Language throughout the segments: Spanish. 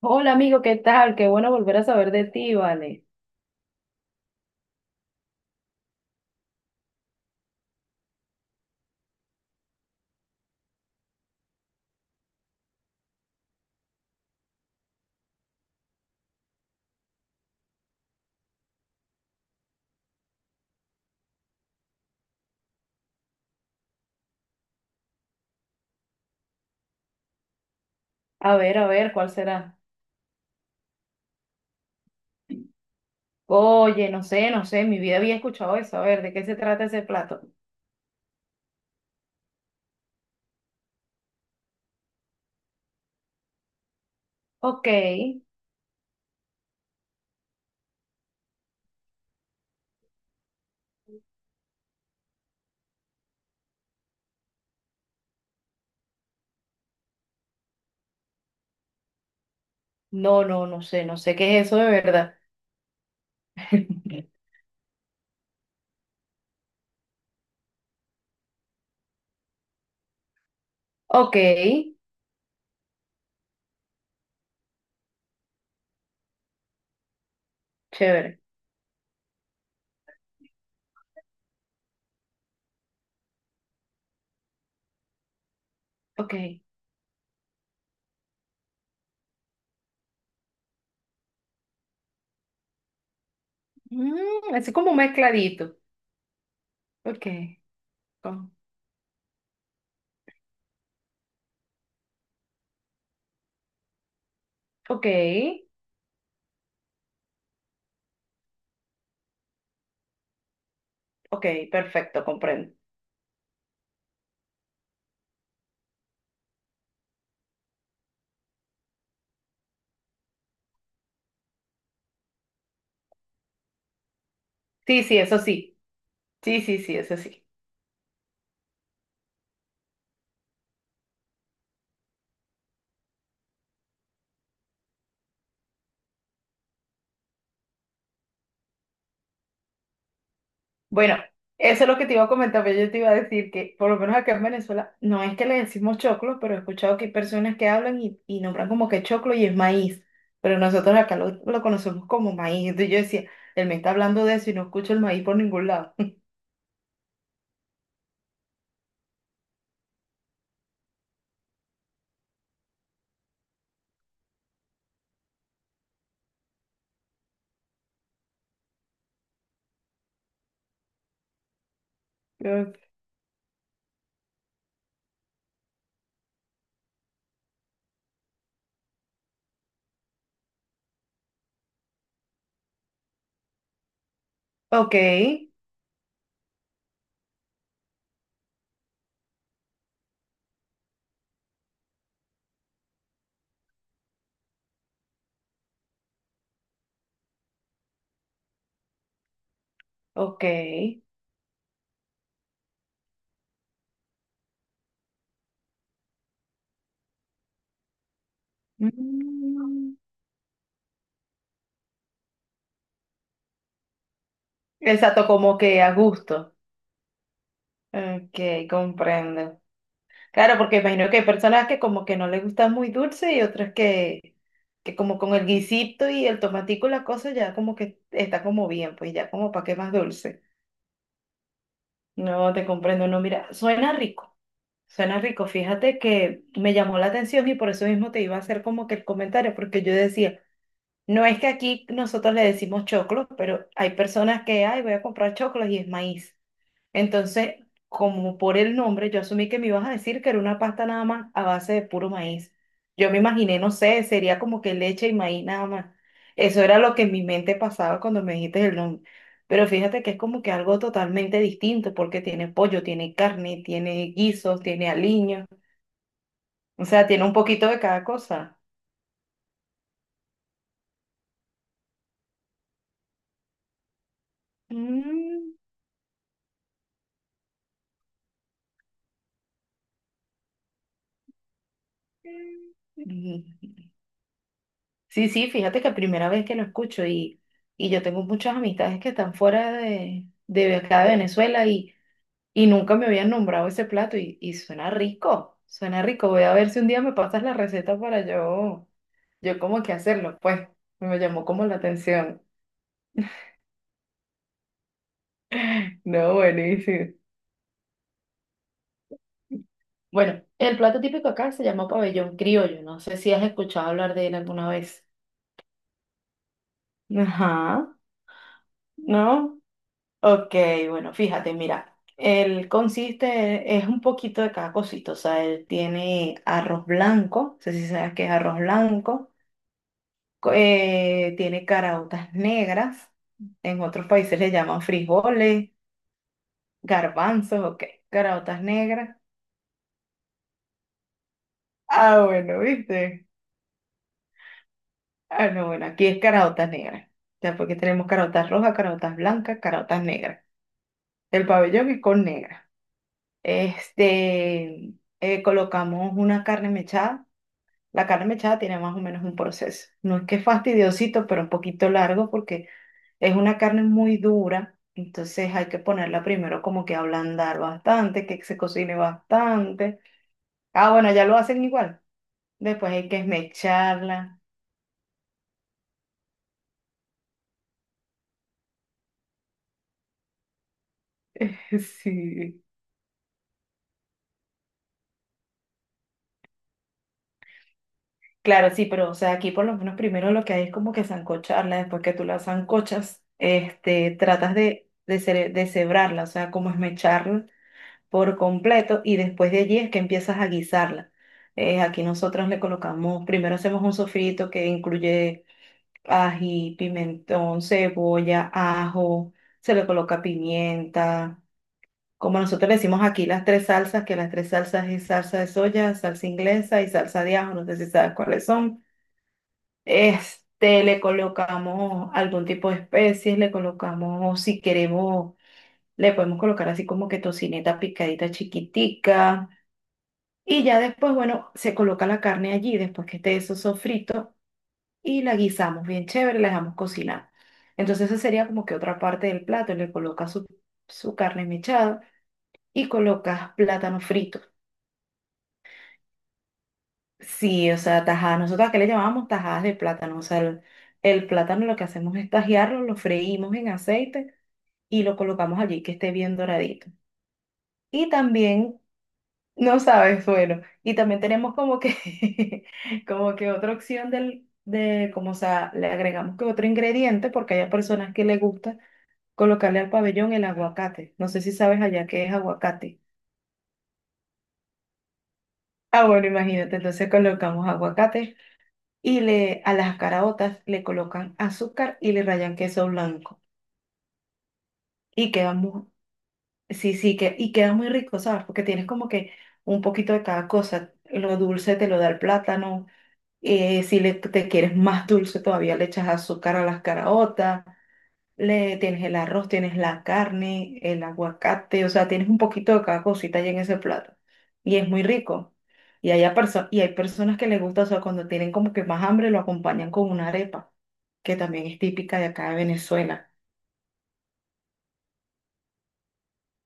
Hola amigo, ¿qué tal? Qué bueno volver a saber de ti, vale. A ver, ¿cuál será? Oye, no sé, en mi vida había escuchado eso. A ver, ¿de qué se trata ese plato? Ok. No, no sé qué es eso de verdad. Ok, chévere. Ok. Mm, es como mezcladito. Ok. con- Ok. Ok, perfecto, comprendo. Sí, sí, eso sí. Sí, sí, sí, eso sí. Bueno, eso es lo que te iba a comentar, pero yo te iba a decir que por lo menos acá en Venezuela no es que le decimos choclo, pero he escuchado que hay personas que hablan y nombran como que choclo y es maíz, pero nosotros acá lo conocemos como maíz. Entonces yo decía, él me está hablando de eso y no escucho el maíz por ningún lado. Yo, Ok, ok. Mm, exacto, como que a gusto. Ok, comprendo. Claro, porque imagino que hay personas que como que no les gusta muy dulce y otras que como con el guisito y el tomatico y la cosa ya como que está como bien, pues ya como para qué más dulce. No te comprendo, no, mira, suena rico, suena rico. Fíjate que me llamó la atención y por eso mismo te iba a hacer como que el comentario, porque yo decía, no es que aquí nosotros le decimos choclo, pero hay personas que, ay, voy a comprar choclos y es maíz. Entonces, como por el nombre, yo asumí que me ibas a decir que era una pasta nada más a base de puro maíz. Yo me imaginé, no sé, sería como que leche y maíz nada más. Eso era lo que en mi mente pasaba cuando me dijiste el nombre. Pero fíjate que es como que algo totalmente distinto porque tiene pollo, tiene carne, tiene guisos, tiene aliño. O sea, tiene un poquito de cada cosa. Mm. Sí, sí, fíjate que primera vez que lo escucho y yo tengo muchas amistades que están fuera de acá de Venezuela y nunca me habían nombrado ese plato y suena rico, suena rico. Voy a ver si un día me pasas la receta para yo como que hacerlo, pues me llamó como la atención. No, buenísimo. Bueno, el plato típico acá se llama pabellón criollo, no sé si has escuchado hablar de él alguna vez. Ajá, ¿no? Ok, bueno, fíjate, mira, él consiste, es un poquito de cada cosito, o sea, él tiene arroz blanco, no sé si sabes qué es arroz blanco, tiene caraotas negras, en otros países le llaman frijoles, garbanzos, ok, caraotas negras. Ah, bueno, ¿viste? Ah, no, bueno, aquí es caraotas negras, o sea, porque tenemos caraotas rojas, caraotas blancas, caraotas negras. El pabellón es con negra. Este, colocamos una carne mechada. La carne mechada tiene más o menos un proceso. No es que es fastidiosito, pero un poquito largo porque es una carne muy dura. Entonces hay que ponerla primero como que ablandar bastante, que se cocine bastante. Ah, bueno, ya lo hacen igual. Después hay que esmecharla. Sí. Claro, sí, pero o sea, aquí por lo menos primero lo que hay es como que sancocharla. Después que tú la sancochas, este, tratas de cebrarla, o sea, como esmecharla por completo y después de allí es que empiezas a guisarla. Aquí nosotros le colocamos, primero hacemos un sofrito que incluye ají, pimentón, cebolla, ajo, se le coloca pimienta. Como nosotros le decimos aquí las tres salsas, que las tres salsas es salsa de soya, salsa inglesa y salsa de ajo, no sé si sabes cuáles son. Este, le colocamos algún tipo de especies, le colocamos, si queremos, le podemos colocar así como que tocineta picadita chiquitica y ya después, bueno, se coloca la carne allí después que esté eso sofrito y la guisamos bien chévere, la dejamos cocinar. Entonces, esa sería como que otra parte del plato, su carne mechada y colocas plátano frito. Sí, o sea, tajadas, nosotros que le llamábamos tajadas de plátano, o sea, el plátano lo que hacemos es tajearlo, lo freímos en aceite y lo colocamos allí que esté bien doradito. Y también no sabes, bueno. Y también tenemos como que, como que otra opción del, de, como o sea, le agregamos que otro ingrediente, porque hay personas que le gusta colocarle al pabellón el aguacate. No sé si sabes allá qué es aguacate. Ah, bueno, imagínate, entonces colocamos aguacate y le, a las caraotas le colocan azúcar y le rayan queso blanco. Y queda muy, sí, sí, que, y queda muy rico, ¿sabes? Porque tienes como que un poquito de cada cosa. Lo dulce te lo da el plátano. Si le, te quieres más dulce, todavía le echas azúcar a las caraotas, le tienes el arroz, tienes la carne, el aguacate, o sea, tienes un poquito de cada cosita ahí en ese plato. Y es muy rico. Y, hay personas que les gusta, o sea, cuando tienen como que más hambre, lo acompañan con una arepa, que también es típica de acá de Venezuela.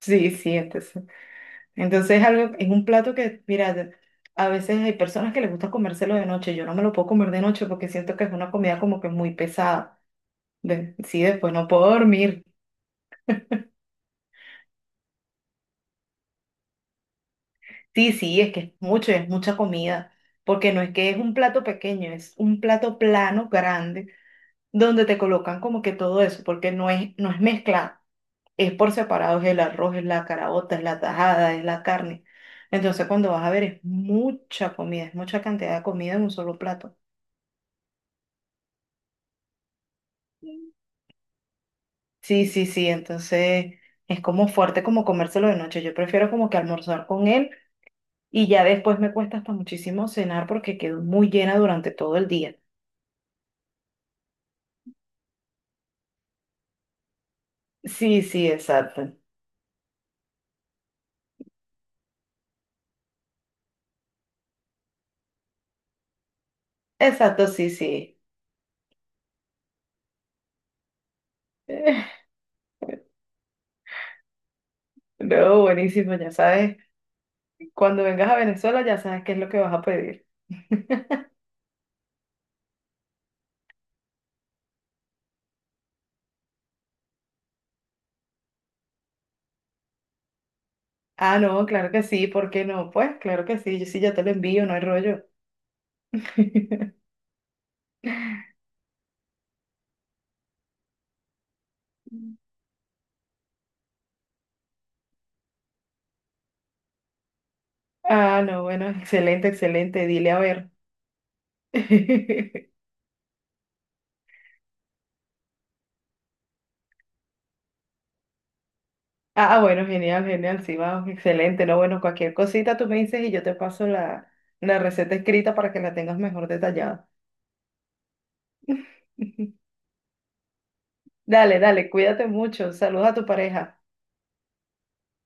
Sí, sí, entonces es algo, es un plato que, mira, a veces hay personas que les gusta comérselo de noche, yo no me lo puedo comer de noche porque siento que es una comida como que muy pesada. Sí, después no puedo dormir. Sí, sí, es que es mucho, es mucha comida, porque no es que es un plato pequeño, es un plato plano, grande, donde te colocan como que todo eso, porque no es mezclado, es por separado, es el arroz, es la caraota, es la tajada, es la carne. Entonces cuando vas a ver es mucha comida, es mucha cantidad de comida en un solo plato. Sí, sí, sí, entonces es como fuerte como comérselo de noche. Yo prefiero como que almorzar con él y ya después me cuesta hasta muchísimo cenar porque quedo muy llena durante todo el día. Sí, sí, exacto. Exacto, sí, sí. No, buenísimo, ya sabes. Cuando vengas a Venezuela ya sabes qué es lo que vas a pedir. Ah, no, claro que sí, ¿por qué no? Pues claro que sí, yo sí ya te lo envío, no hay rollo. Ah, no, bueno, excelente, excelente, dile a ver. Ah, bueno, genial, genial, sí, vamos, excelente, no, bueno, cualquier cosita tú me dices y yo te paso la receta escrita para que la tengas mejor detallada. Dale, dale, cuídate mucho. Saludos a tu pareja.